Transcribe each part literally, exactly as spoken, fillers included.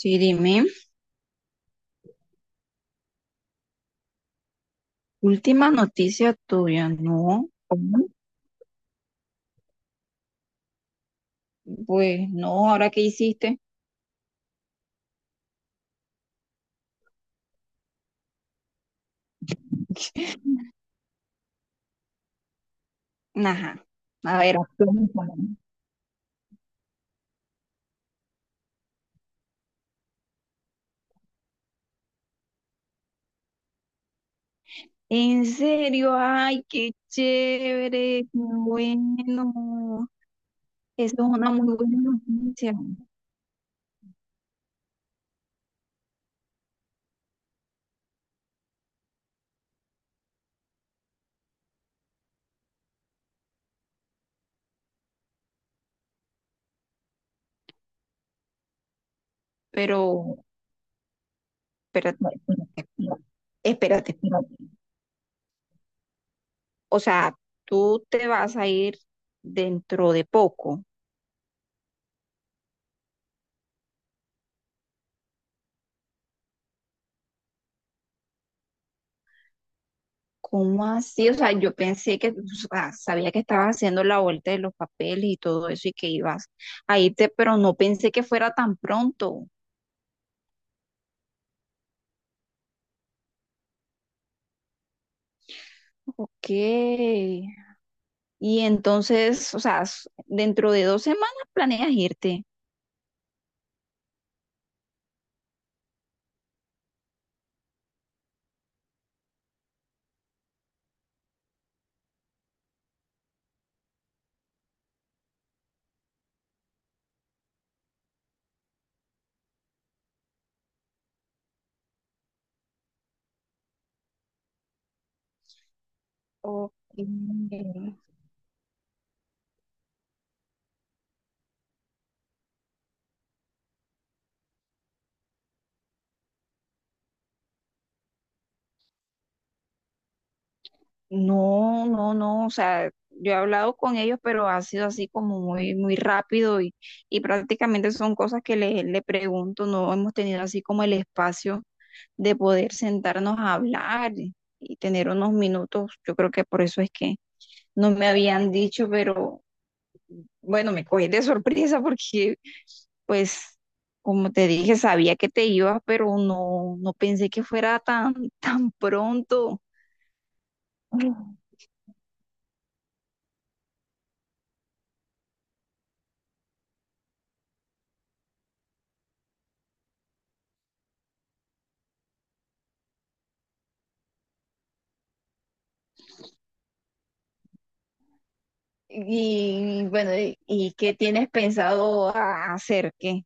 Sí, dime, última noticia tuya, ¿no? Ujú. Pues no, ¿ahora qué hiciste? Ajá, a ver. Cuéntame. ¿En serio? Ay, qué chévere, qué bueno. Eso es una muy buena noticia. Pero, espérate, No, espérate, no, espérate. espérate. O sea, tú te vas a ir dentro de poco. ¿Cómo así? O sea, yo pensé que, o sea, sabía que estabas haciendo la vuelta de los papeles y todo eso y que ibas a irte, pero no pensé que fuera tan pronto. Ok. Y entonces, o sea, s- dentro de dos semanas planeas irte. Ok. No, no, no, o sea, yo he hablado con ellos, pero ha sido así como muy, muy rápido y, y prácticamente son cosas que le, le pregunto, no hemos tenido así como el espacio de poder sentarnos a hablar y, y tener unos minutos. Yo creo que por eso es que no me habían dicho, pero bueno, me cogí de sorpresa porque, pues, como te dije, sabía que te ibas, pero no, no pensé que fuera tan, tan pronto. Y bueno, ¿y, y qué tienes pensado a- hacer? ¿Qué?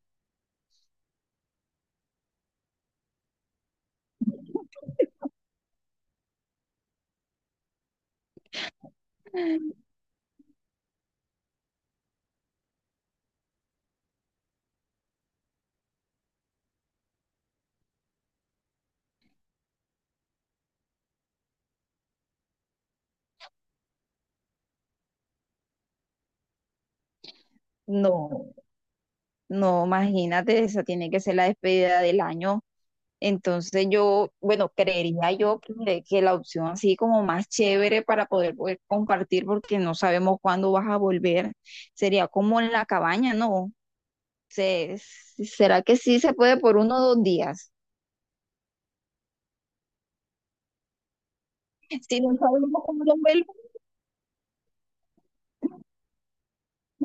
No, no, imagínate, esa tiene que ser la despedida del año. Entonces yo, bueno, creería yo que, que la opción así como más chévere para poder, poder compartir, porque no sabemos cuándo vas a volver, sería como en la cabaña, ¿no? Se, ¿será que sí se puede por uno o dos días? Si no sabemos cuándo vuelvo,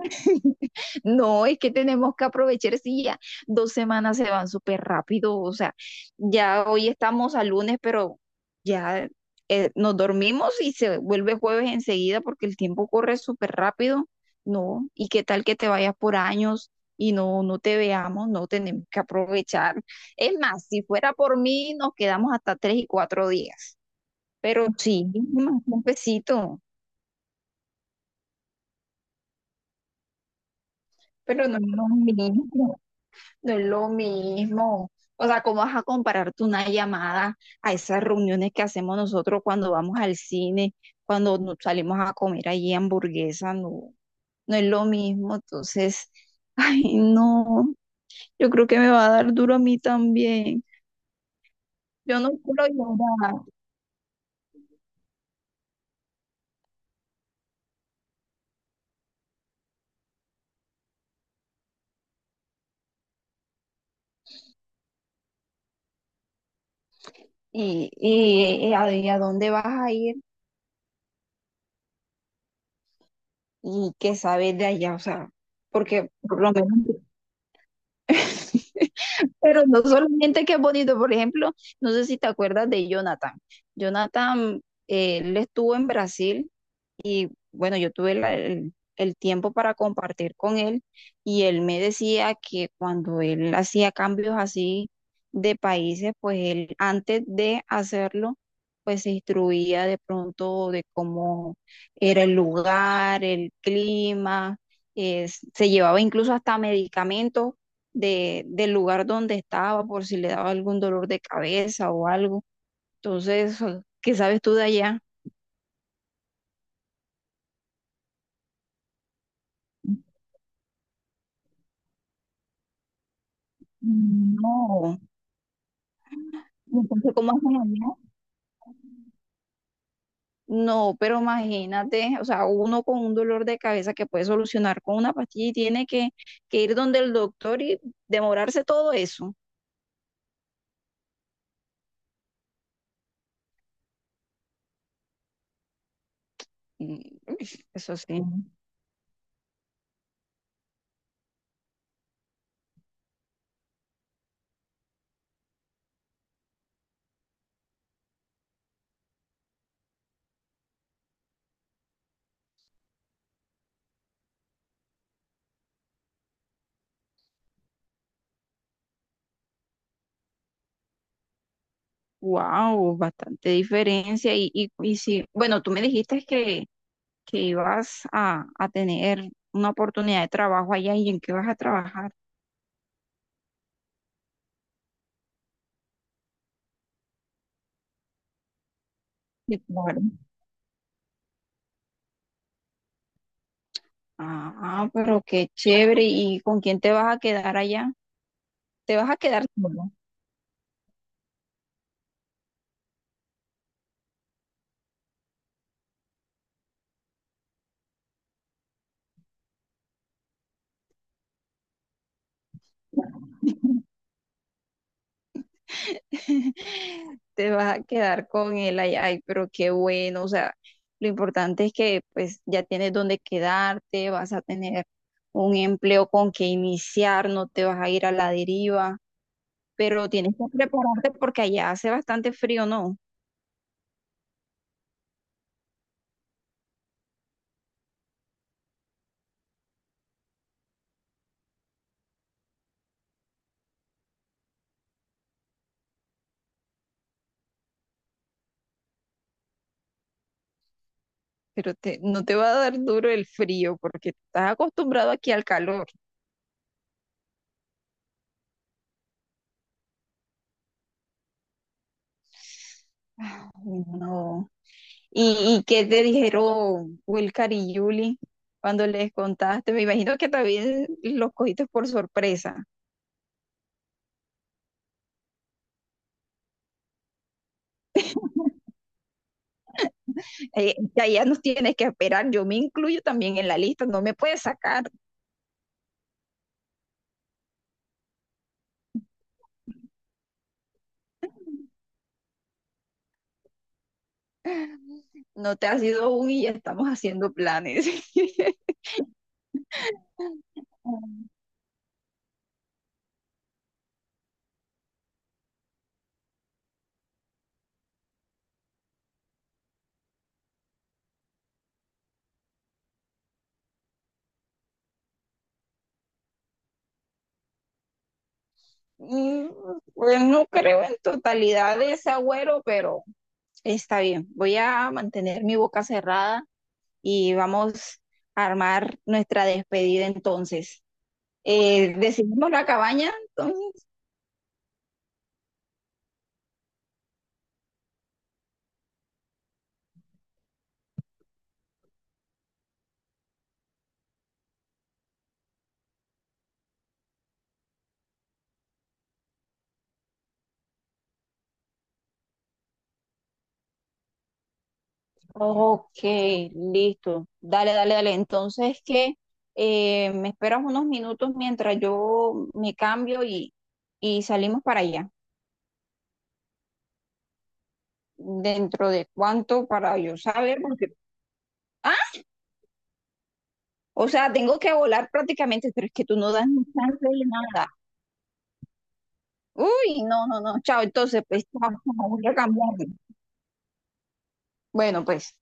No, es que tenemos que aprovechar, sí, ya dos semanas se van súper rápido, o sea, ya hoy estamos a lunes, pero ya eh, nos dormimos y se vuelve jueves enseguida porque el tiempo corre súper rápido, ¿no? ¿Y qué tal que te vayas por años y no, no te veamos? No, tenemos que aprovechar. Es más, si fuera por mí, nos quedamos hasta tres y cuatro días, pero sí, más un besito, pero no nos unimos. No es lo mismo. O sea, ¿cómo vas a compararte una llamada a esas reuniones que hacemos nosotros cuando vamos al cine, cuando nos salimos a comer allí hamburguesa? No, no es lo mismo. Entonces, ay, no, yo creo que me va a dar duro a mí también. Yo no quiero llorar. ¿Y, y, y a, y a dónde vas a ir? ¿Y qué sabes de allá? O sea, porque por lo menos... Pero no solamente que es bonito, por ejemplo, no sé si te acuerdas de Jonathan. Jonathan, eh, él estuvo en Brasil y bueno, yo tuve la- el, el tiempo para compartir con él y él me decía que cuando él hacía cambios así de países, pues él antes de hacerlo, pues se instruía de pronto de cómo era el lugar, el clima, es- se llevaba incluso hasta medicamentos de, del lugar donde estaba por si le daba algún dolor de cabeza o algo. Entonces, ¿qué sabes tú de allá? No. Y Entonces, ¿cómo hacen allá? No, pero imagínate, o sea, uno con un dolor de cabeza que puede solucionar con una pastilla y tiene que, que ir donde el doctor y demorarse todo eso. Y Eso sí, wow, bastante diferencia. Y, y, y sí, bueno, tú me dijiste que, que, ibas a, a tener una oportunidad de trabajo allá y en qué vas a trabajar. Sí, claro. Ah, pero qué chévere. ¿Y con quién te vas a quedar allá? ¿Te vas a quedar? sola? te vas a quedar con el ay, ay, pero qué bueno, o sea, lo importante es que pues ya tienes donde quedarte, vas a tener un empleo con que iniciar, no te vas a ir a la deriva, pero tienes que prepararte porque allá hace bastante frío, ¿no? Pero te, no te va a dar duro el frío porque estás acostumbrado aquí al calor. Ay, no. ¿Y, y qué te dijeron Wilcar y Julie cuando les contaste? Me imagino que también los cogiste por sorpresa. Eh, ya, ya nos tienes que esperar, yo me incluyo también en la lista, no me puedes sacar. No te has ido aún y ya estamos haciendo planes. Mm, Pues no creo en totalidad de ese agüero, pero está bien. Voy a mantener mi boca cerrada y vamos a armar nuestra despedida entonces. Eh, decidimos la cabaña, entonces. Ok, listo. Dale, dale, dale. Entonces, ¿qué? Eh, me esperas unos minutos mientras yo me cambio y, y salimos para allá. ¿Dentro de cuánto para yo saber? Porque, ah, o sea, tengo que volar prácticamente, pero es que tú no das ni chance de nada. Uy, no, no, no. Chao, entonces, pues, chao, chao, voy a cambiarme. Bueno, pues.